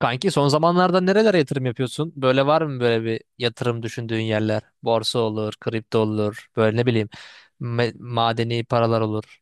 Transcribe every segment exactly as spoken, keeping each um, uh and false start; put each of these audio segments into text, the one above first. Kanki son zamanlarda nerelere yatırım yapıyorsun? Böyle var mı böyle bir yatırım düşündüğün yerler? Borsa olur, kripto olur, böyle ne bileyim me- madeni paralar olur.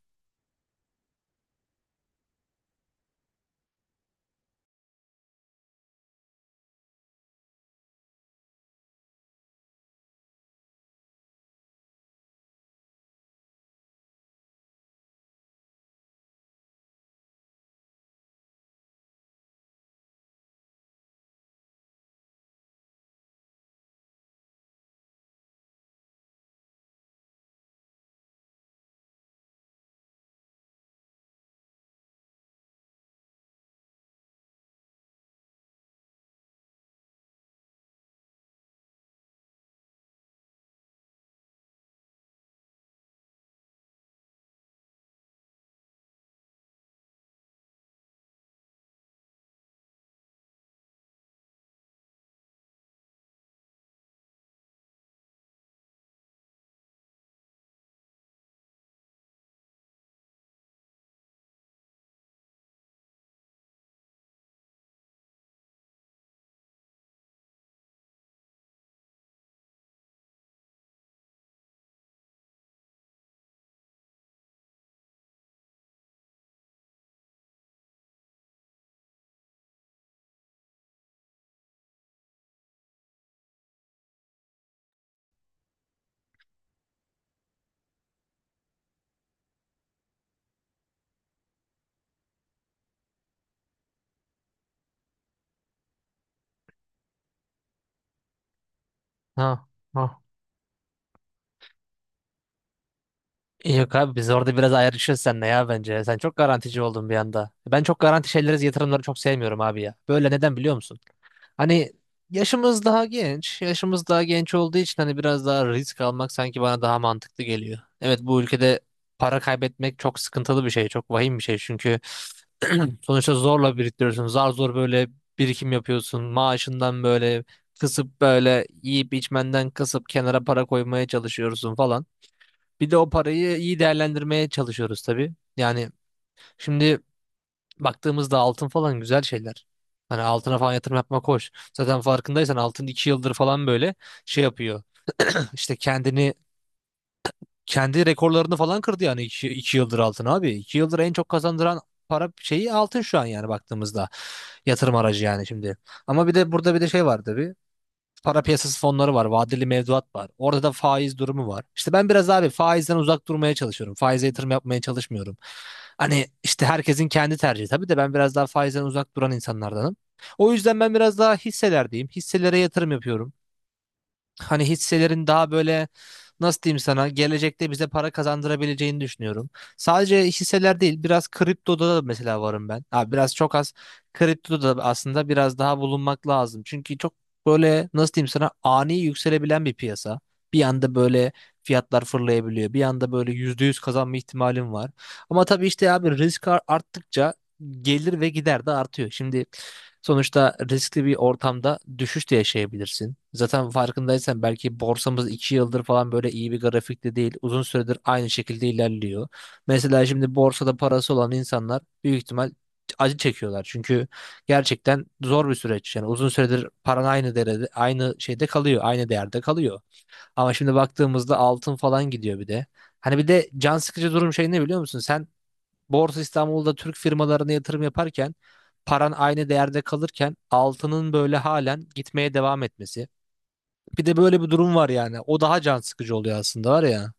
Ha, ha. Yok abi biz orada biraz ayrışırız seninle ya bence. Sen çok garantici oldun bir anda. Ben çok garanti şeyleri, yatırımları çok sevmiyorum abi ya. Böyle neden biliyor musun? Hani yaşımız daha genç. Yaşımız daha genç olduğu için hani biraz daha risk almak sanki bana daha mantıklı geliyor. Evet bu ülkede para kaybetmek çok sıkıntılı bir şey. Çok vahim bir şey çünkü sonuçta zorla biriktiriyorsun. Zar zor böyle birikim yapıyorsun. Maaşından böyle kısıp böyle yiyip içmenden kısıp kenara para koymaya çalışıyorsun falan. Bir de o parayı iyi değerlendirmeye çalışıyoruz tabii. Yani şimdi baktığımızda altın falan güzel şeyler. Hani altına falan yatırım yapmak hoş. Zaten farkındaysan altın iki yıldır falan böyle şey yapıyor. İşte kendini kendi rekorlarını falan kırdı yani iki, iki yıldır altın abi. İki yıldır en çok kazandıran para şeyi altın şu an yani baktığımızda. Yatırım aracı yani şimdi. Ama bir de burada bir de şey var tabii. Para piyasası fonları var, vadeli mevduat var. Orada da faiz durumu var. İşte ben biraz abi faizden uzak durmaya çalışıyorum. Faize yatırım yapmaya çalışmıyorum. Hani işte herkesin kendi tercihi tabii de ben biraz daha faizden uzak duran insanlardanım. O yüzden ben biraz daha hisselerdeyim. Hisselere yatırım yapıyorum. Hani hisselerin daha böyle nasıl diyeyim sana gelecekte bize para kazandırabileceğini düşünüyorum. Sadece hisseler değil biraz kriptoda da mesela varım ben. Ha, biraz çok az kriptoda da aslında biraz daha bulunmak lazım. Çünkü çok böyle nasıl diyeyim sana ani yükselebilen bir piyasa. Bir anda böyle fiyatlar fırlayabiliyor. Bir anda böyle yüzde yüz kazanma ihtimalim var. Ama tabii işte abi risk ar- arttıkça gelir ve gider de artıyor. Şimdi sonuçta riskli bir ortamda düşüş de yaşayabilirsin. Zaten farkındaysan belki borsamız iki yıldır falan böyle iyi bir grafikte değil. Uzun süredir aynı şekilde ilerliyor. Mesela şimdi borsada parası olan insanlar büyük ihtimal acı çekiyorlar. Çünkü gerçekten zor bir süreç. Yani uzun süredir paran aynı derede, aynı şeyde kalıyor, aynı değerde kalıyor. Ama şimdi baktığımızda altın falan gidiyor bir de. Hani bir de can sıkıcı durum şey ne biliyor musun? Sen Borsa İstanbul'da Türk firmalarına yatırım yaparken paran aynı değerde kalırken altının böyle halen gitmeye devam etmesi. Bir de böyle bir durum var yani. O daha can sıkıcı oluyor aslında var ya.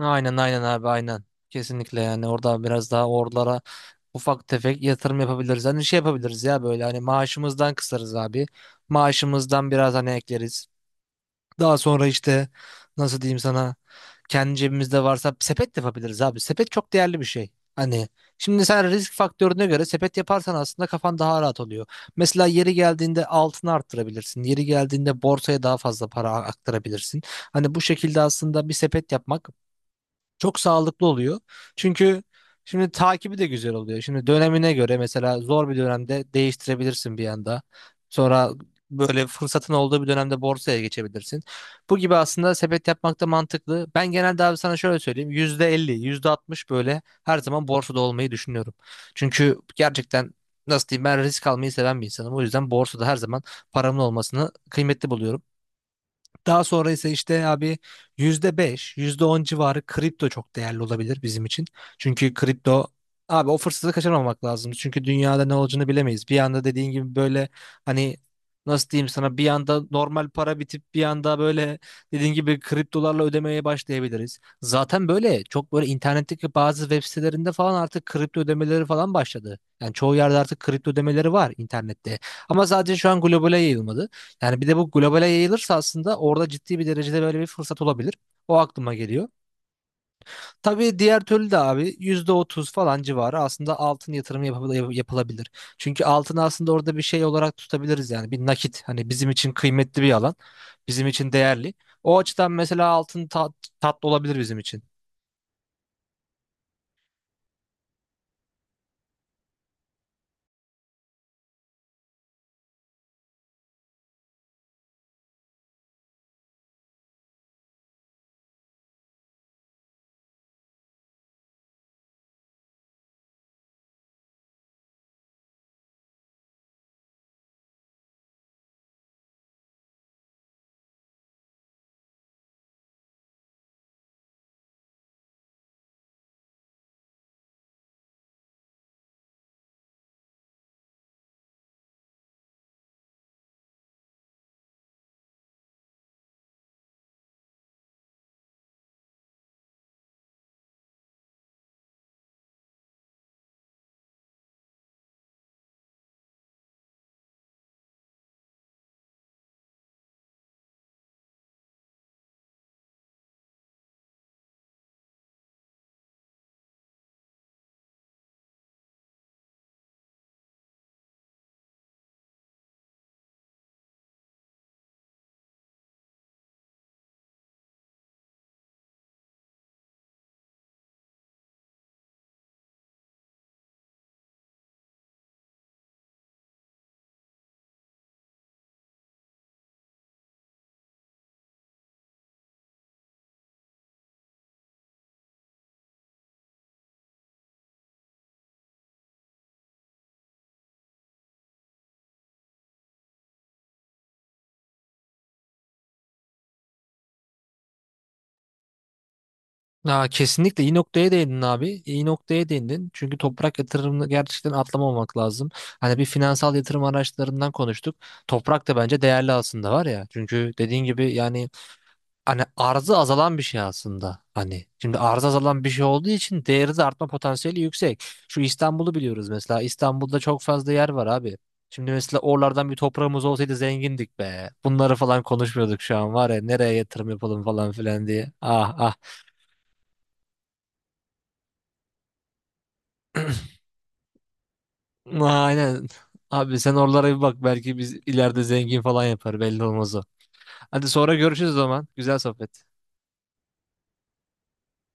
Aynen, aynen abi, aynen. Kesinlikle yani orada biraz daha oralara ufak tefek yatırım yapabiliriz. Hani şey yapabiliriz ya böyle hani maaşımızdan kısarız abi. Maaşımızdan biraz hani ekleriz. Daha sonra işte nasıl diyeyim sana kendi cebimizde varsa sepet de yapabiliriz abi. Sepet çok değerli bir şey. Hani şimdi sen risk faktörüne göre sepet yaparsan aslında kafan daha rahat oluyor. Mesela yeri geldiğinde altını arttırabilirsin. Yeri geldiğinde borsaya daha fazla para aktarabilirsin. Hani bu şekilde aslında bir sepet yapmak çok sağlıklı oluyor. Çünkü şimdi takibi de güzel oluyor. Şimdi dönemine göre mesela zor bir dönemde değiştirebilirsin bir anda. Sonra böyle fırsatın olduğu bir dönemde borsaya geçebilirsin. Bu gibi aslında sepet yapmak da mantıklı. Ben genelde abi sana şöyle söyleyeyim. Yüzde elli, yüzde altmış böyle her zaman borsada olmayı düşünüyorum. Çünkü gerçekten nasıl diyeyim ben risk almayı seven bir insanım. O yüzden borsada her zaman paramın olmasını kıymetli buluyorum. Daha sonra ise işte abi yüzde beş, yüzde on civarı kripto çok değerli olabilir bizim için. Çünkü kripto abi o fırsatı kaçırmamak lazım. Çünkü dünyada ne olacağını bilemeyiz. Bir anda dediğin gibi böyle hani nasıl diyeyim sana bir anda normal para bitip bir anda böyle dediğin gibi kriptolarla ödemeye başlayabiliriz. Zaten böyle çok böyle internetteki bazı web sitelerinde falan artık kripto ödemeleri falan başladı. Yani çoğu yerde artık kripto ödemeleri var internette. Ama sadece şu an globale yayılmadı. Yani bir de bu globale yayılırsa aslında orada ciddi bir derecede böyle bir fırsat olabilir. O aklıma geliyor. Tabii diğer türlü de abi yüzde otuz falan civarı aslında altın yatırımı yapı- yap- yapılabilir. Çünkü altını aslında orada bir şey olarak tutabiliriz yani bir nakit. Hani bizim için kıymetli bir alan. Bizim için değerli. O açıdan mesela altın ta- tatlı olabilir bizim için. Aa, kesinlikle iyi noktaya değindin abi. İyi noktaya değindin. Çünkü toprak yatırımını gerçekten atlamamak lazım. Hani bir finansal yatırım araçlarından konuştuk. Toprak da bence değerli aslında var ya. Çünkü dediğin gibi yani hani arzı azalan bir şey aslında. Hani şimdi arzı azalan bir şey olduğu için değeri de artma potansiyeli yüksek. Şu İstanbul'u biliyoruz mesela. İstanbul'da çok fazla yer var abi. Şimdi mesela oralardan bir toprağımız olsaydı zengindik be. Bunları falan konuşmuyorduk şu an var ya. Nereye yatırım yapalım falan filan diye. Ah ah. Aynen. Abi sen oralara bir bak belki biz ileride zengin falan yapar belli olmaz o. Hadi sonra görüşürüz o zaman. Güzel sohbet.